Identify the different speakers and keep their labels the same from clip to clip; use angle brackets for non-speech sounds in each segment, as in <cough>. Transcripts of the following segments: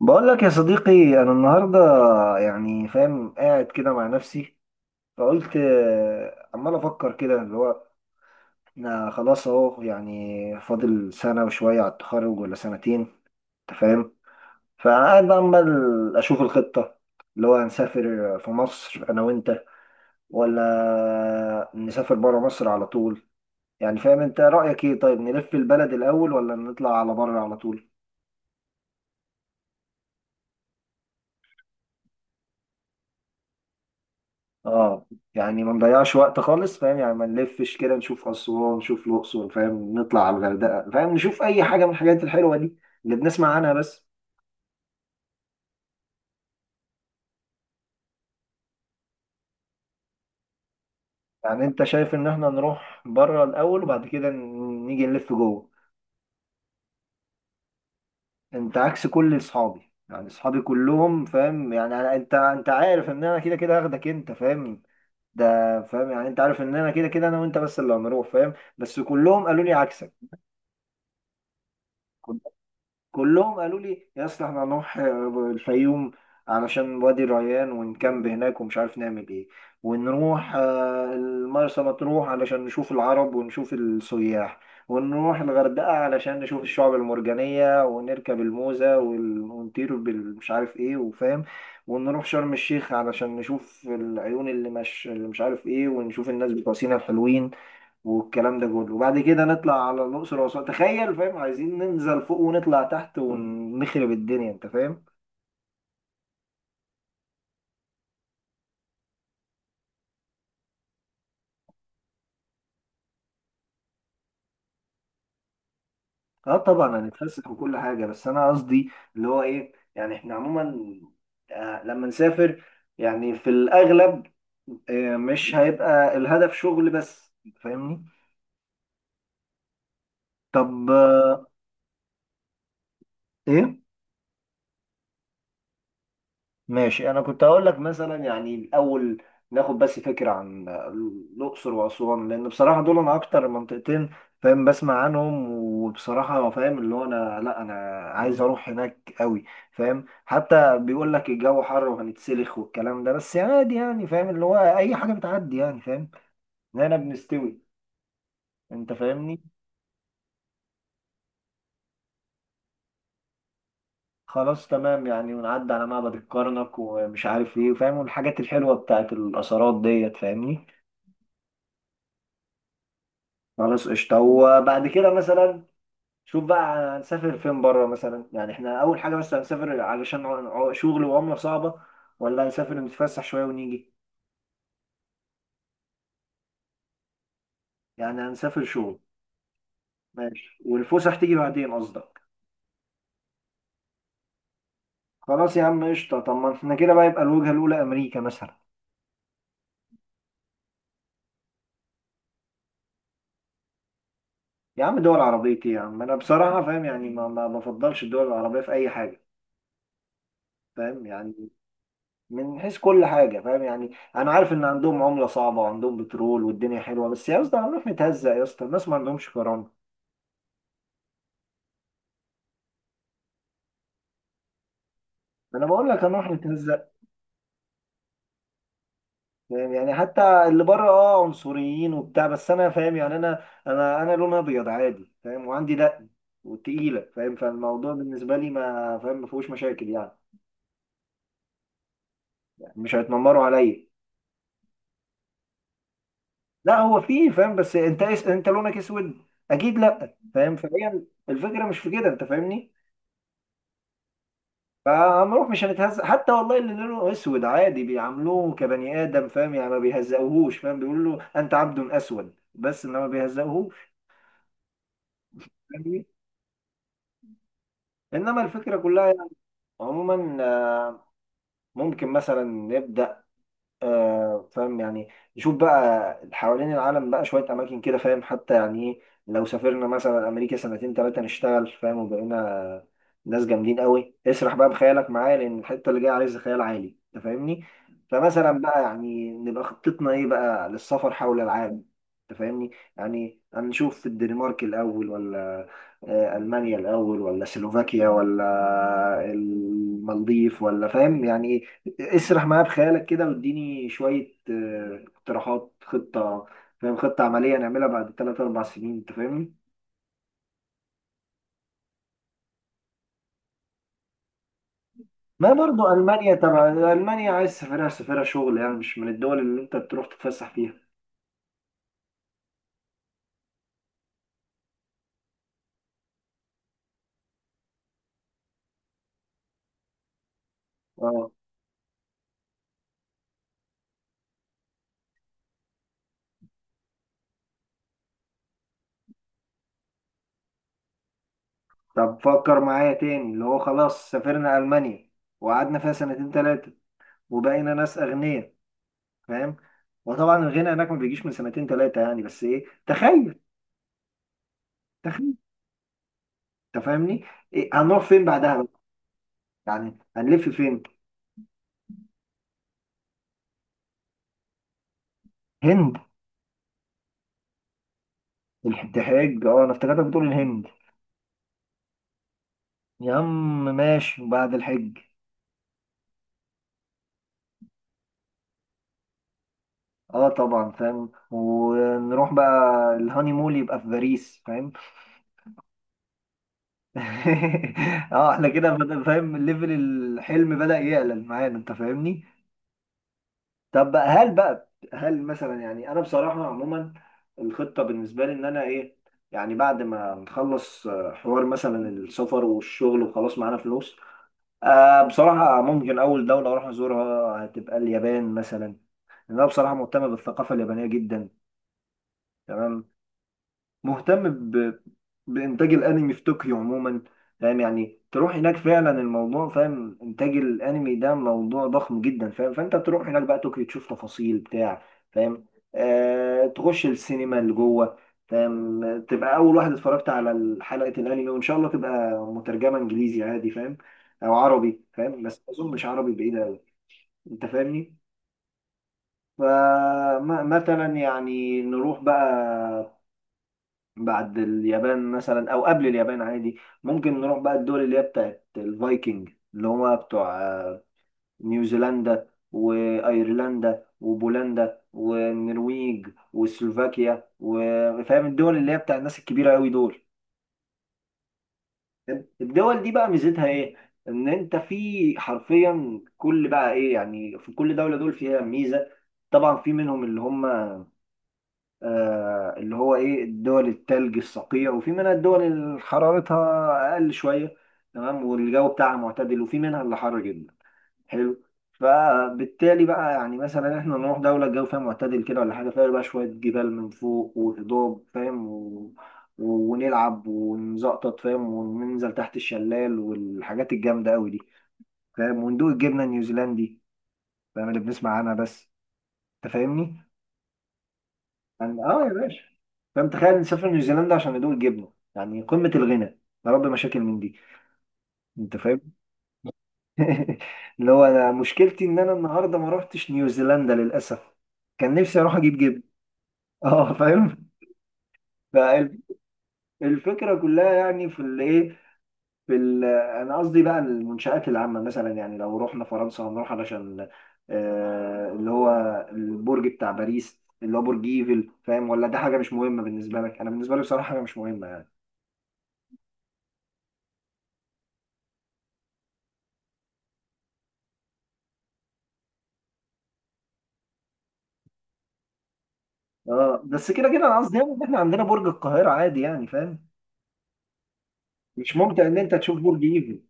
Speaker 1: بقول لك يا صديقي، انا النهارده يعني فاهم قاعد كده مع نفسي. فقلت عمال افكر كده اللي هو انا خلاص اهو يعني فاضل سنه وشويه على التخرج ولا سنتين، انت فاهم؟ فقاعد بقى عمال اشوف الخطه اللي هو هنسافر في مصر انا وانت، ولا نسافر بره مصر على طول. يعني فاهم، انت رايك ايه؟ طيب نلف البلد الاول ولا نطلع على بره على طول؟ اه يعني ما نضيعش وقت خالص، فاهم يعني، ما نلفش كده نشوف اسوان، نشوف الاقصر، فاهم، نطلع على الغردقه، فاهم، نشوف اي حاجه من الحاجات الحلوه دي اللي بنسمع عنها بس. يعني انت شايف ان احنا نروح بره الاول وبعد كده نيجي نلف جوه. انت عكس كل اصحابي، يعني اصحابي كلهم فاهم يعني انت عارف ان انا كده كده هاخدك، انت فاهم. ده فاهم يعني انت عارف ان انا كده كده انا وانت بس اللي هنروح فاهم، بس كلهم قالوا لي عكسك. كلهم قالوا لي يا اسطى احنا هنروح الفيوم علشان وادي الريان ونكامب هناك ومش عارف نعمل ايه. ونروح المرسى مطروح علشان نشوف العرب ونشوف السياح. ونروح الغردقة علشان نشوف الشعب المرجانية ونركب الموزة ونطير بالمش عارف ايه وفاهم. ونروح شرم الشيخ علشان نشوف العيون اللي مش عارف ايه ونشوف الناس بتوع سينا الحلوين. والكلام ده كله وبعد كده نطلع على الأقصر وأسوان، تخيل فاهم، عايزين ننزل فوق ونطلع تحت ونخرب الدنيا أنت فاهم. اه طبعا هنتفسح وكل حاجة، بس أنا قصدي اللي هو إيه، يعني إحنا عموما لما نسافر يعني في الأغلب مش هيبقى الهدف شغل بس، فاهمني؟ طب إيه. ماشي، انا كنت هقول لك مثلا يعني الاول ناخد بس فكره عن الاقصر واسوان، لان بصراحه دول انا اكتر منطقتين فاهم بسمع عنهم. وبصراحه فاهم اللي هو انا لا انا عايز اروح هناك قوي. فاهم حتى بيقول لك الجو حر وهنتسلخ والكلام ده، بس عادي يعني فاهم اللي هو اي حاجه بتعدي يعني، فاهم هنا بنستوي. انت فاهمني؟ خلاص تمام يعني، ونعدي على معبد الكرنك ومش عارف ايه فاهم، والحاجات الحلوه بتاعت الاثارات ديت فاهمني. خلاص قشطة. وبعد كده مثلا شوف بقى، هنسافر فين بره مثلا؟ يعني احنا أول حاجة بس هنسافر علشان شغل وعملة صعبة، ولا هنسافر نتفسح شوية ونيجي؟ يعني هنسافر شغل. ماشي، والفسح تيجي بعدين قصدك. خلاص يا عم قشطة. طب ما احنا كده بقى يبقى الوجهة الأولى أمريكا مثلا. يا عم دول عربية ايه يا عم، أنا بصراحة فاهم يعني ما بفضلش الدول العربية في أي حاجة فاهم يعني. من حيث كل حاجة فاهم يعني، أنا عارف إن عندهم عملة صعبة وعندهم بترول والدنيا حلوة، بس يا اسطى هنروح نتهزق، يا اسطى الناس ما عندهمش كرامة. أنا بقول لك هنروح نتهزق. فاهم يعني، حتى اللي بره عنصريين وبتاع، بس أنا فاهم يعني أنا لونها أبيض عادي فاهم، وعندي دقن وتقيلة فاهم، فالموضوع بالنسبة لي ما فاهم ما فيهوش مشاكل يعني. يعني مش هيتنمروا عليا. لا هو فيه فاهم، بس أنت لونك أسود أكيد، لا فاهم فهي الفكرة مش في كده، أنت فاهمني؟ فعمروف مش هنتهزق حتى، والله اللي لونه اسود عادي بيعاملوه كبني ادم فاهم يعني، ما بيهزقوهوش فاهم، بيقول له انت عبد اسود بس، انما ما بيهزقوهوش. فاهمني؟ انما الفكره كلها يعني، عموما ممكن مثلا نبدا، فاهم يعني، نشوف بقى حوالين العالم بقى شوية أماكن كده فاهم. حتى يعني إيه، لو سافرنا مثلا أمريكا سنتين تلاتة نشتغل فاهم، وبقينا ناس جامدين قوي، اسرح بقى بخيالك معايا، لأن الحتة اللي جاية عايزة خيال عالي أنت فاهمني. فمثلا بقى يعني نبقى خطتنا إيه بقى للسفر حول العالم؟ أنت فاهمني؟ يعني هنشوف الدنمارك الأول، ولا ألمانيا الأول، ولا سلوفاكيا، ولا المالديف، ولا فاهم يعني إيه. اسرح معايا بخيالك كده، واديني شوية اقتراحات خطة، فاهم، خطة عملية نعملها بعد ثلاث أربع سنين، أنت فاهمني؟ ما برضو ألمانيا تبع، ألمانيا عايز تسافرها سافرها شغل يعني، مش من الدول اللي أنت بتروح تتفسح فيها. أه. طب فكر معايا تاني اللي هو، خلاص سافرنا ألمانيا وقعدنا فيها سنتين تلاتة، وبقينا ناس أغنياء، فاهم؟ وطبعا الغنى هناك ما بيجيش من سنتين تلاتة يعني، بس إيه تخيل، تخيل. أنت فاهمني؟ إيه هنروح فين بعدها بقى؟ يعني هنلف فين؟ هند؟ الحج، اه انا افتكرتك بتقول الهند. يا عم ماشي، بعد الحج اه طبعا فاهم، ونروح بقى الهاني مول يبقى في باريس، فاهم. <laughs> اه احنا كده فاهم ليفل الحلم بدأ يعلى معانا، انت فاهمني؟ طب بقى هل مثلا، يعني انا بصراحة عموما الخطة بالنسبة لي ان انا ايه، يعني بعد ما نخلص حوار مثلا السفر والشغل وخلاص معانا فلوس، آه بصراحة ممكن أول دولة أروح أزورها هتبقى اليابان مثلا. لأن أنا بصراحة مهتم بالثقافة اليابانية جدا. تمام. مهتم بإنتاج الأنمي في طوكيو عموما، فاهم يعني، تروح هناك فعلا الموضوع، فاهم، إنتاج الأنمي ده موضوع ضخم جدا فاهم، فأنت تروح هناك بقى طوكيو تشوف تفاصيل بتاع فاهم، تخش السينما اللي جوه فاهم، تبقى أول واحد اتفرجت على حلقة الأنمي، وإن شاء الله تبقى مترجمة إنجليزي عادي فاهم، أو عربي فاهم، بس أظن مش عربي بعيد أوي. أنت فاهمني؟ فمثلا يعني نروح بقى بعد اليابان مثلا او قبل اليابان عادي، ممكن نروح بقى الدول اللي هي بتاعت الفايكنج اللي هما بتوع نيوزيلندا، وايرلندا، وبولندا، والنرويج، وسلوفاكيا، وفاهم الدول اللي هي بتاع الناس الكبيره قوي دول. الدول دي بقى ميزتها ايه، ان انت في حرفيا كل بقى ايه، يعني في كل دوله دول فيها ميزه. طبعا في منهم اللي هم اللي هو ايه، الدول التلج الصقيع، وفي منها الدول اللي حرارتها اقل شويه، تمام، والجو بتاعها معتدل، وفي منها اللي حر جدا، حلو. فبالتالي بقى يعني مثلا احنا نروح دوله الجو فيها معتدل كده، ولا حاجه فيها بقى شويه جبال من فوق وهضاب فاهم، ونلعب ونزقطط فاهم، وننزل تحت الشلال والحاجات الجامده قوي دي فاهم، وندوق الجبنه النيوزيلندي فاهم، اللي بنسمع عنها بس. انت فاهمني؟ يعني اه يا باشا. فاهم تخيل نسافر نيوزيلندا عشان ندوق جبنه، يعني قمه الغنى. يا رب مشاكل من دي. انت فاهم. <laughs> اللي هو انا مشكلتي ان انا النهارده ما روحتش نيوزيلندا للاسف، كان نفسي اروح اجيب جبن. <laughs> اه فاهم. فالفكره كلها يعني في الايه، في انا قصدي بقى المنشات العامه مثلا، يعني لو رحنا فرنسا هنروح علشان اللي هو البرج بتاع باريس اللي هو برج ايفل، فاهم، ولا ده حاجه مش مهمه بالنسبه لك؟ انا بالنسبه لي بصراحه حاجه مش مهمه. اه بس كده كده انا قصدي يعني ان احنا عندنا برج القاهرة عادي يعني فاهم. مش ممتع ان انت تشوف برج ايفل؟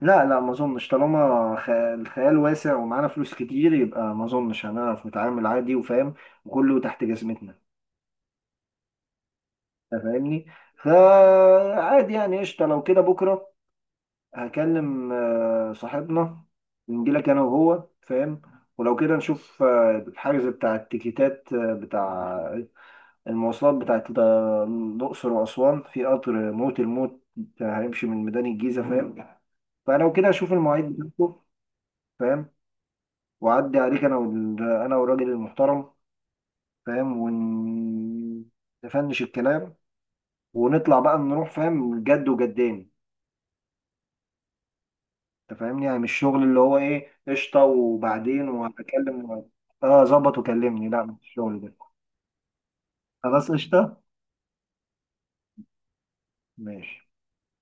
Speaker 1: لا لا ما اظنش، طالما الخيال واسع ومعانا فلوس كتير، يبقى ما اظنش هنعرف نتعامل عادي وفاهم، وكله تحت جزمتنا. انت فاهمني؟ فعادي يعني قشطة، لو كده بكرة هكلم صاحبنا، نجيلك انا وهو فاهم، ولو كده نشوف الحجز بتاع التيكيتات، بتاع المواصلات بتاعت الأقصر وأسوان، في قطر موت الموت هيمشي من ميدان الجيزة فاهم، فلو كده أشوف المواعيد بتاعته فاهم، وأعدي عليك أنا أنا والراجل المحترم فاهم، ونفنش الكلام ونطلع بقى نروح فاهم، جد وجدان. أنت فاهمني؟ يعني مش شغل اللي هو إيه، قشطة وبعدين وهتكلم و... آه ظبط وكلمني. لا مش الشغل ده. خلاص قشطة. ماشي.